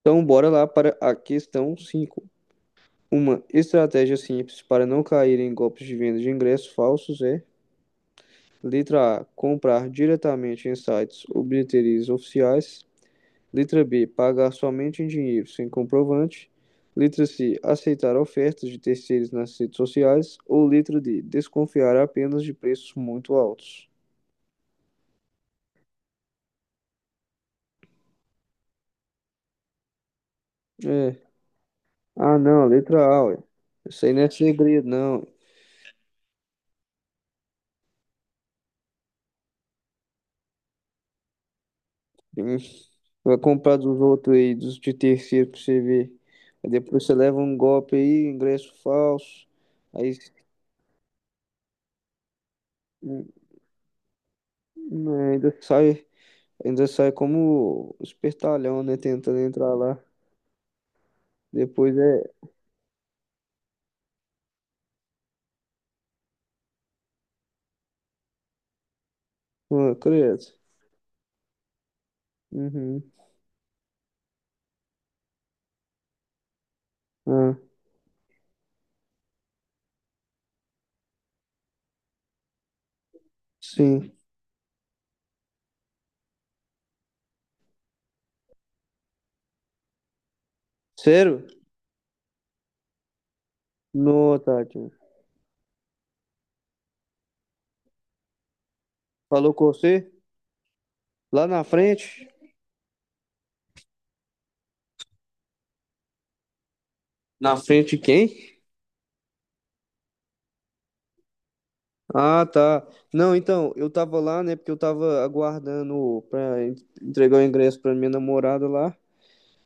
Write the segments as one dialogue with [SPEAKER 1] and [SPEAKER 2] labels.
[SPEAKER 1] Então, bora lá para a questão 5. Uma estratégia simples para não cair em golpes de venda de ingressos falsos é: letra A, comprar diretamente em sites ou bilheterias oficiais. Letra B, pagar somente em dinheiro sem comprovante. Letra C, aceitar ofertas de terceiros nas redes sociais. Ou letra D, desconfiar apenas de preços muito altos. É. Ah, não, letra A, ué. Isso aí não é segredo, não. Hum. Vai comprar dos outros aí, dos de terceiro pra você ver. Aí depois você leva um golpe aí, ingresso falso. Aí hum, é, ainda sai como espertalhão, né? Tentando entrar lá. Depois é. Ah, credo. Uhum. Ah, sim. Sério? Não, Tati. Falou com você? Lá na frente? Na frente de quem? Ah, tá. Não, então, eu tava lá, né, porque eu tava aguardando pra en- entregar o ingresso pra minha namorada lá,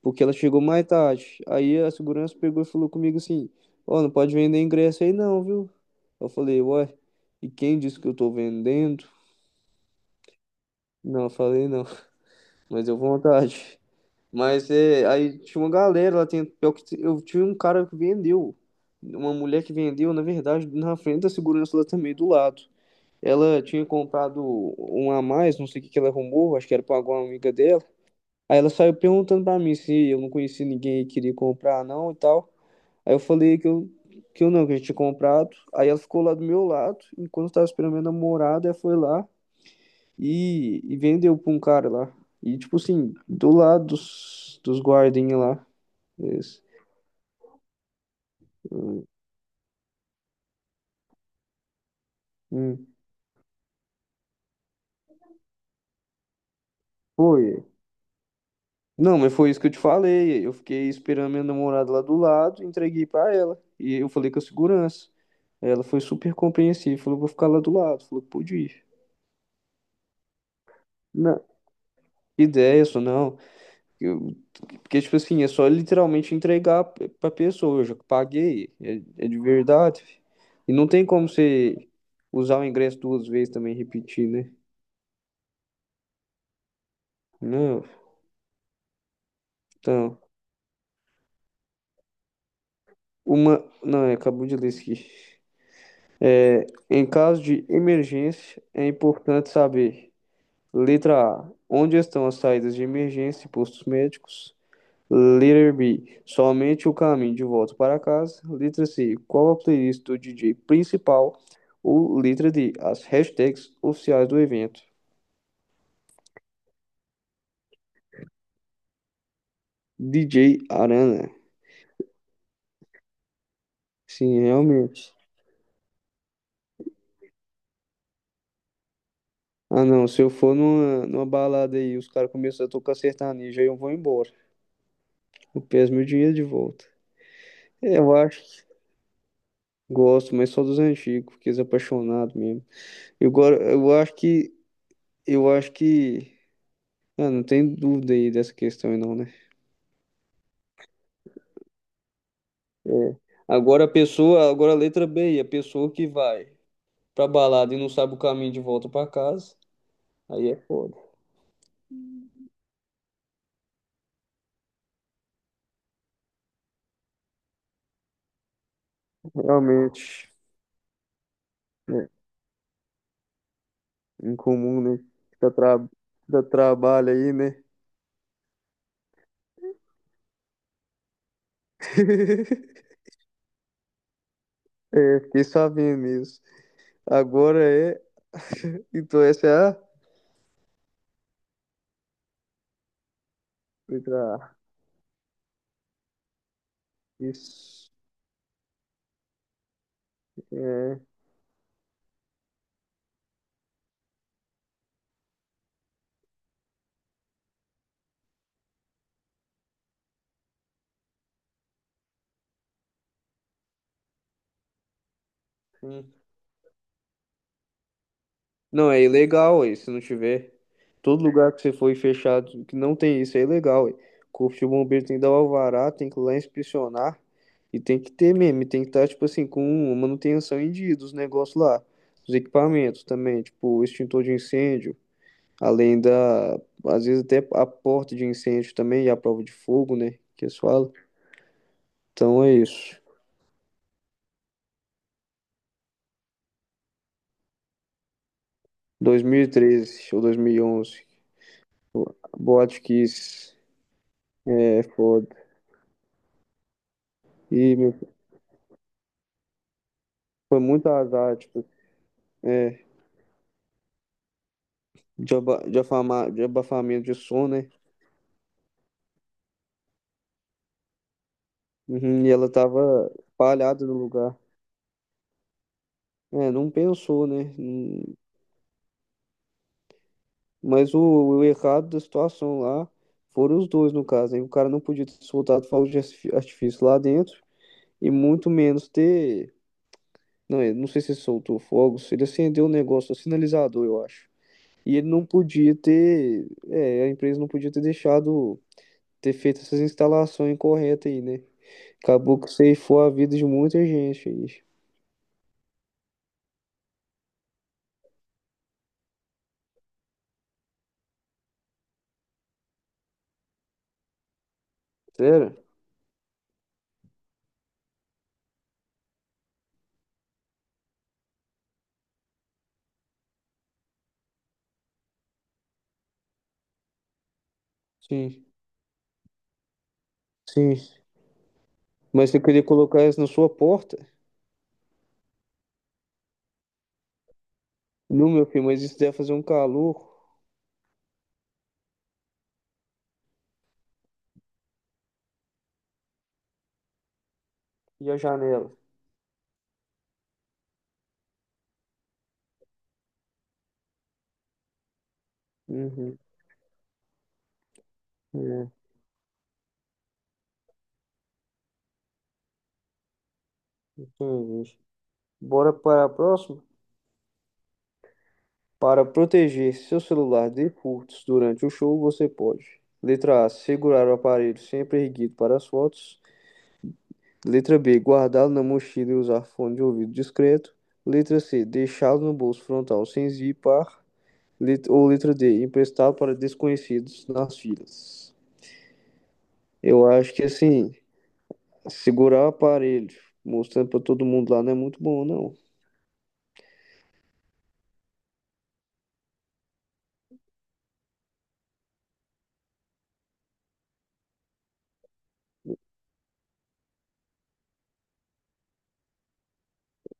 [SPEAKER 1] porque ela chegou mais tarde. Aí a segurança pegou e falou comigo assim: Ó, não pode vender ingresso aí não, viu? Eu falei: Ué, e quem disse que eu tô vendendo? Não, eu falei não, mas eu vontade. Mas é, aí tinha uma galera lá, tem, pior que t- eu tinha um cara que vendeu, uma mulher que vendeu, na verdade, na frente da segurança lá também, do lado. Ela tinha comprado uma a mais, não sei o que que ela arrumou, acho que era pra alguma amiga dela. Aí ela saiu perguntando pra mim se eu não conhecia ninguém e queria comprar, não e tal. Aí eu falei que eu não, que eu tinha comprado. Aí ela ficou lá do meu lado, enquanto eu tava esperando minha namorada, ela foi lá e vendeu pra um cara lá. E tipo assim, do lado dos, dos guardinhas lá. Esse, hum, hum, foi. Não, mas foi isso que eu te falei. Eu fiquei esperando minha namorada lá do lado, entreguei pra ela. E eu falei com a segurança. Ela foi super compreensiva, falou, vou ficar lá do lado. Falou, pode ir. Não, ideia só não. Eu, porque, tipo assim, é só literalmente entregar p- pra pessoa. Eu já paguei, é, é de verdade. Fi. E não tem como você usar o ingresso duas vezes também e repetir, né? Não, então, uma. Não, acabou de ler isso aqui. Em caso de emergência, é importante saber. Letra A. Onde estão as saídas de emergência e postos médicos? Letra B. Somente o caminho de volta para casa. Letra C. Qual a playlist do DJ principal? Ou letra D. As hashtags oficiais do evento. DJ Arana. Sim, realmente. Ah, não. Se eu for numa, numa balada aí, os caras começam a tocar sertanejo, aí eu vou embora. Eu peço meu dinheiro de volta. É, eu acho que gosto, mas só dos antigos, porque é apaixonado mesmo. Eu, go- eu acho que Eu acho que. Ah, não tem dúvida aí dessa questão, aí não, né? É. Agora a pessoa, agora a letra B, a pessoa que vai pra balada e não sabe o caminho de volta pra casa, aí é foda. Realmente, né? Incomum, né? Dá, tra... Dá trabalho aí, né? É, fiquei sabendo isso. Agora é. Então essa é a letra A. Isso. É. Não, é ilegal, aí, se não tiver. Todo lugar que você for e fechado que não tem isso é ilegal, aí. Corpo de bombeiro tem que dar o alvará, tem que ir lá inspecionar e tem que ter mesmo, e tem que estar, tipo assim, com manutenção em dia dos negócios lá, dos equipamentos também, tipo, extintor de incêndio, além da, às vezes até a porta de incêndio também e a prova de fogo, né, que eles falam. Então é isso. 2013 ou 2011, Botkiss, é foda. E meu, foi muito azar, tipo, é, de, aba- de, afama- de abafamento de som, né? Uhum, e ela tava espalhada no lugar. É, não pensou, né? Hum. Mas o errado da situação lá foram os dois, no caso. Hein? O cara não podia ter soltado fogos de artifi- artifício lá dentro e muito menos ter. Não, eu não sei se ele soltou fogos, ele acendeu o negócio, o sinalizador, eu acho. E ele não podia ter. É, a empresa não podia ter deixado ter feito essas instalações incorretas aí, né? Acabou que ceifou a vida de muita gente aí. Sério? Sim, sim. Mas eu queria colocar isso na sua porta? Não, meu filho, mas isso deve fazer um calor. E a janela? Uhum. É, entendi. Bora para a próxima? Para proteger seu celular de furtos durante o show, você pode. Letra A, segurar o aparelho sempre erguido para as fotos. Letra B, guardá-lo na mochila e usar fone de ouvido discreto. Letra C, deixá-lo no bolso frontal sem zipar. Lit- Ou letra D, emprestar para desconhecidos nas filas. Eu acho que assim, segurar o aparelho, mostrando para todo mundo lá, não é muito bom, não.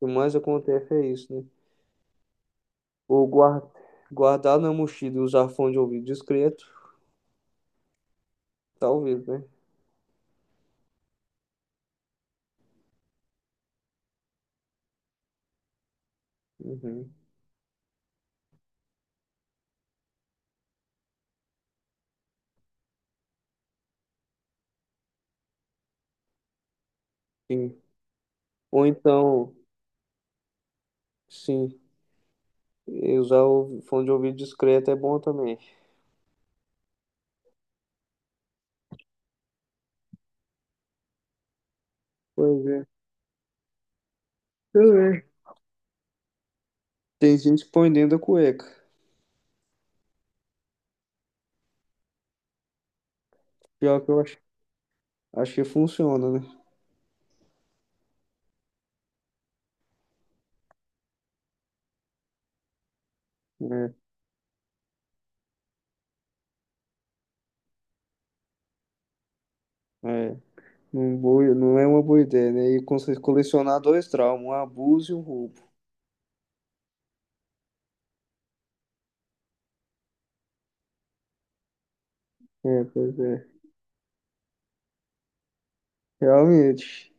[SPEAKER 1] O que mais acontece é isso, né? Ou guar- guardar na mochila e usar fone de ouvido discreto, talvez, né? Uhum. Sim. Ou então, sim, usar o fone de ouvido discreto é bom também. Pois é. Também. Tem gente que põe dentro da cueca. Pior que eu acho, acho que funciona, né? É. É. Não, boa- não é uma boa ideia, né? E cons- colecionar dois traumas, um abuso e um roubo. É, pois é. Realmente.